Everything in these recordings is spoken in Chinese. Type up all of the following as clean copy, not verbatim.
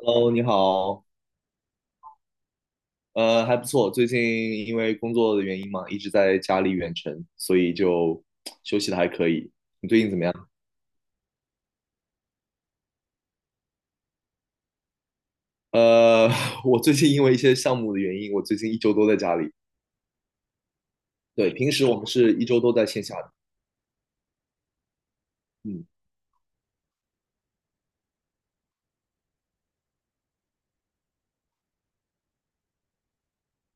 Hello，你好，还不错。最近因为工作的原因嘛，一直在家里远程，所以就休息的还可以。你最近怎么样？呃，我最近因为一些项目的原因，我最近一周都在家里。对，平时我们是一周都在线下的。嗯，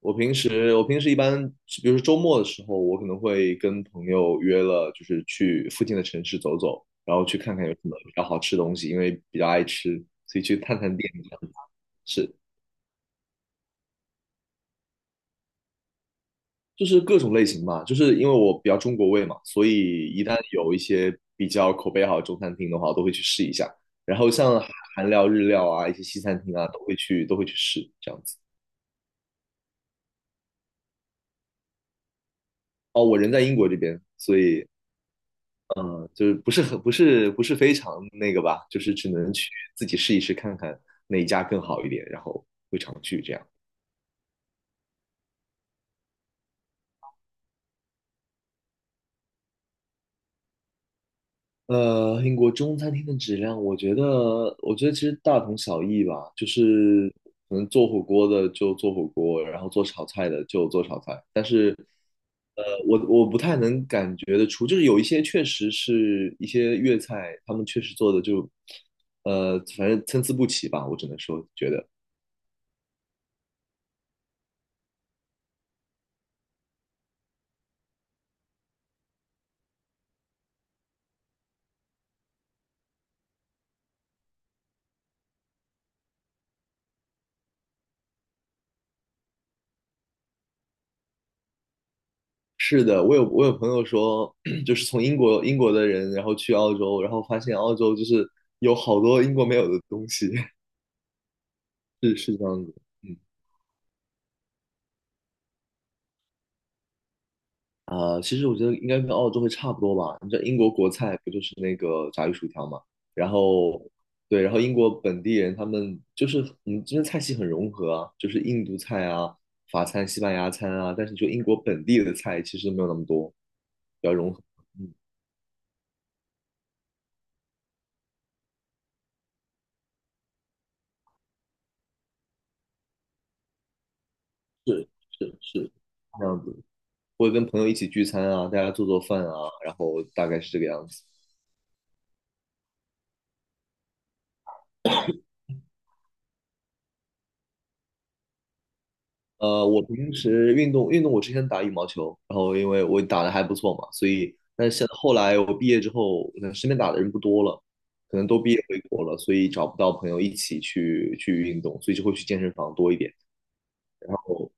我平时一般，比如说周末的时候，我可能会跟朋友约了，就是去附近的城市走走，然后去看看有什么比较好吃的东西，因为比较爱吃，所以去探探店这样子。是。就是各种类型嘛，就是因为我比较中国胃嘛，所以一旦有一些比较口碑好的中餐厅的话，我都会去试一下。然后像韩料、日料啊，一些西餐厅啊，都会去试这样子。哦，我人在英国这边，所以嗯，就是不是很不是不是非常那个吧，就是只能去自己试一试看看哪一家更好一点，然后会常去这样。英国中餐厅的质量，我觉得，其实大同小异吧，就是可能做火锅的就做火锅，然后做炒菜的就做炒菜。但呃，我不太能感觉得出，就是有一些确实是一些粤菜，他们确实做的就，反正参差不齐吧，我只能说觉得是的。我有朋友说，就是从英国的人，然后去澳洲，然后发现澳洲就是有好多英国没有的东西，是是这样子，嗯。啊、其实我觉得应该跟澳洲会差不多吧。你知道英国国菜不就是那个炸鱼薯条嘛？然后，对，然后英国本地人他们就是们这边菜系很融合啊，就是印度菜啊、法餐、西班牙餐啊。但是就英国本地的菜其实没有那么多，比较融合。嗯，是是是，这样子。会跟朋友一起聚餐啊，大家做做饭啊，然后大概是这个样子。我平时运动运动，我之前打羽毛球，然后因为我打的还不错嘛，所以但是现后来我毕业之后，可能身边打的人不多了，可能都毕业回国了，所以找不到朋友一起去运动，所以就会去健身房多一点。哦，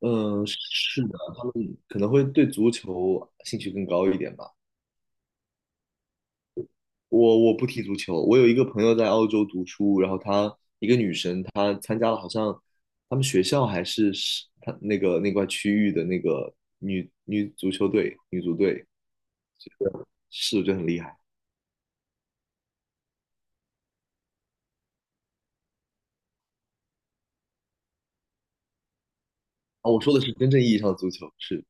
嗯，是的，他们可能会对足球兴趣更高一点吧。我不踢足球，我有一个朋友在澳洲读书，然后她一个女生，她参加了好像他们学校还是她那个那块区域的那个女足球队、女足队，是我觉得很厉害啊。我说的是真正意义上的足球，是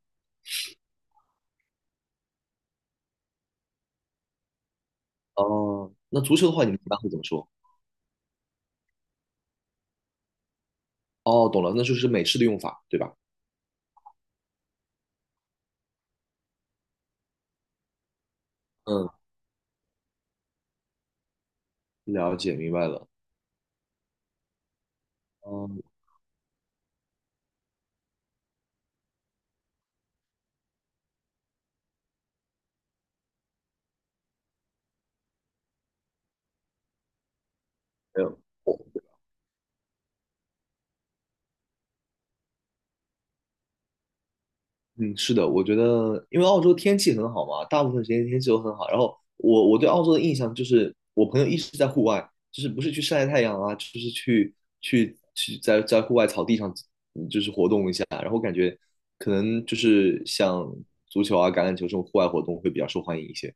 哦。那足球的话，你们一般会怎么说？哦，懂了，那就是美式的用法，对吧？嗯，了解，明白了。嗯，没有。嗯，是的，我觉得因为澳洲天气很好嘛，大部分时间天气都很好。然后我对澳洲的印象就是，我朋友一直在户外，就是不是去晒太阳啊，就是去在户外草地上，可能就是像足球啊、橄榄球这种户外活动会比较受欢迎一些，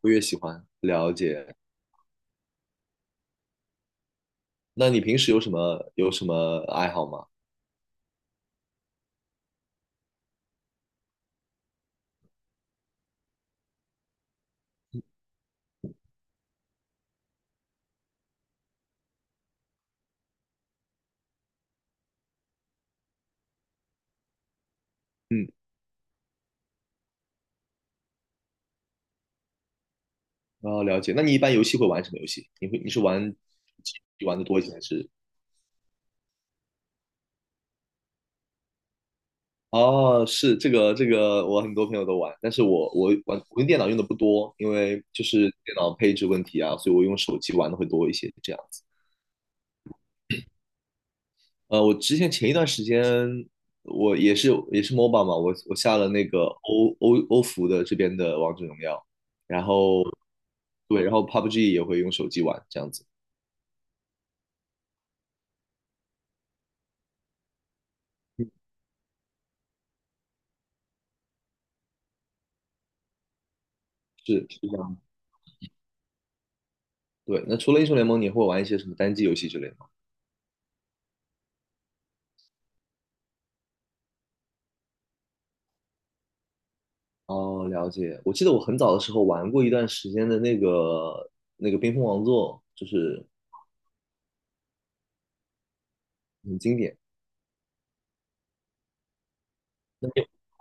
我越喜欢了解。那你平时有什么爱好吗？嗯，然后了解。那你一般游戏会玩什么游戏？你是玩的多一些还是？哦，是这个，我很多朋友都玩，但是我用电脑用的不多，因为就是电脑配置问题啊，所以我用手机玩的会多一些这样子。我之前前一段时间我也是 MOBA 嘛，我下了那个欧服的这边的王者荣耀，然后对，然后 PUBG 也会用手机玩这样子，是是这样。对，那除了英雄联盟，你会玩一些什么单机游戏之类的吗？哦，了解。我记得我很早的时候玩过一段时间的那个冰封王座，就是很经典。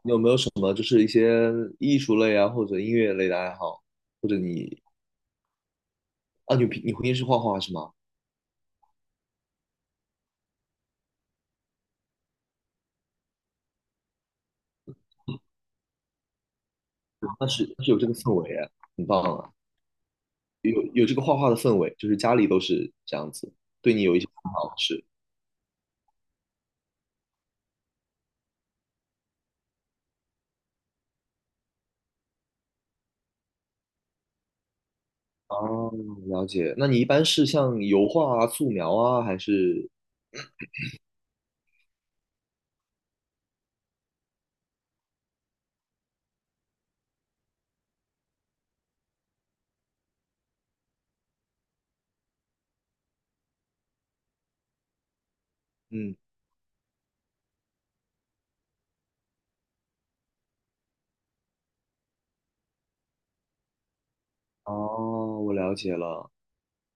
你有没有什么就是一些艺术类啊，或者音乐类的爱好？或者你啊，你平时画画是吗？那是有这个氛围啊，很棒啊，有这个画画的氛围，就是家里都是这样子，对你有一些看法是。哦，了解。那你一般是像油画啊、素描啊，还是嗯？哦，我了解了。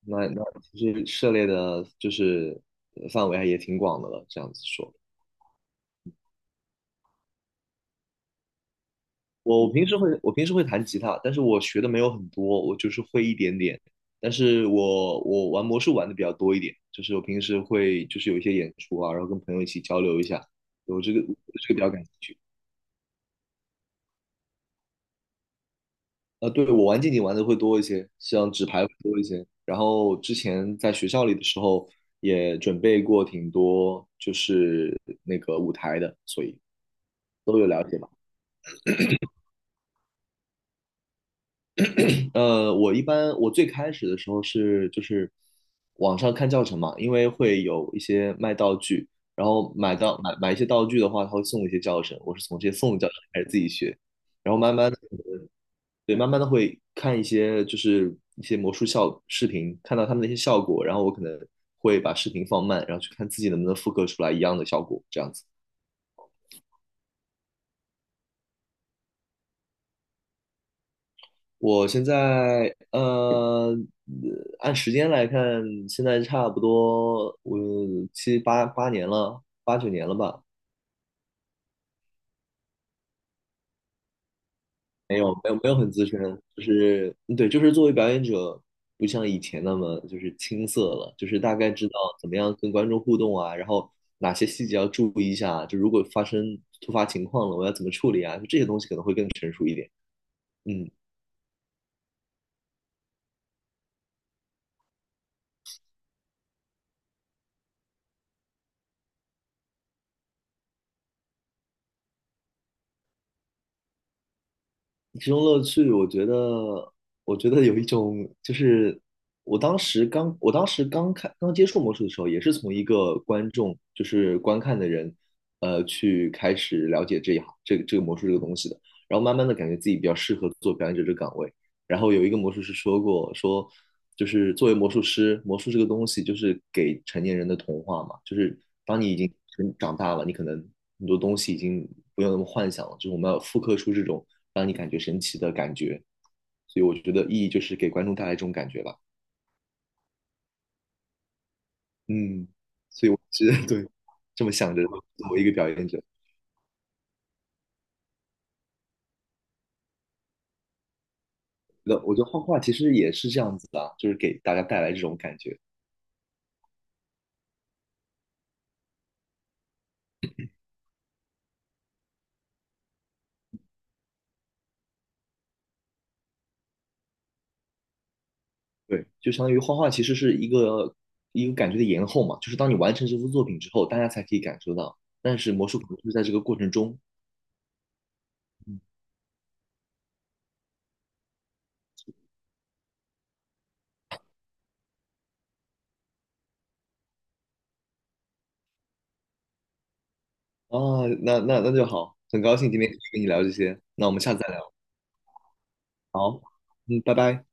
那其实涉猎的就是范围还也挺广的了。这样子说，我平时会弹吉他，但是我学的没有很多，我就是会一点点。但是我玩魔术玩的比较多一点，就是我平时会就是有一些演出啊，然后跟朋友一起交流一下，我这个比较感兴趣。对，我玩竞技玩的会多一些，像纸牌会多一些。然后之前在学校里的时候也准备过挺多，就是那个舞台的，所以都有了解吧。我一般我最开始的时候就是网上看教程嘛，因为会有一些卖道具，然后买到买买一些道具的话，他会送一些教程，我是从这些送的教程开始自己学，然后慢慢的。对，慢慢的会看一些就是一些魔术效视频，看到他们的一些效果，然后我可能会把视频放慢，然后去看自己能不能复刻出来一样的效果，这样子。我现在按时间来看，现在差不多我七八八年了，八九年了吧。没有，没有，没有很资深，就是对，就是作为表演者，不像以前那么就是青涩了，就是大概知道怎么样跟观众互动啊，然后哪些细节要注意一下啊，就如果发生突发情况了，我要怎么处理啊，就这些东西可能会更成熟一点。嗯。其中乐趣，我觉得，有一种，就是我当时刚接触魔术的时候，也是从一个观众，就是观看的人，去开始了解这一行，这个魔术这个东西的，然后慢慢的感觉自己比较适合做表演者这个岗位。然后有一个魔术师说过，说就是作为魔术师，魔术这个东西就是给成年人的童话嘛，就是当你已经成长大了，你可能很多东西已经不用那么幻想了，就是我们要复刻出这种让你感觉神奇的感觉，所以我觉得意义就是给观众带来这种感觉吧。嗯，是的，对，这么想着作为一个表演者，那我觉得画画其实也是这样子的啊就是给大家带来这种感觉。对，就相当于画画其实是一个感觉的延后嘛，就是当你完成这幅作品之后，大家才可以感受到。但是魔术可能是在这个过程中啊，那就好，很高兴今天可以跟你聊这些，那我们下次再聊。好，嗯，拜拜。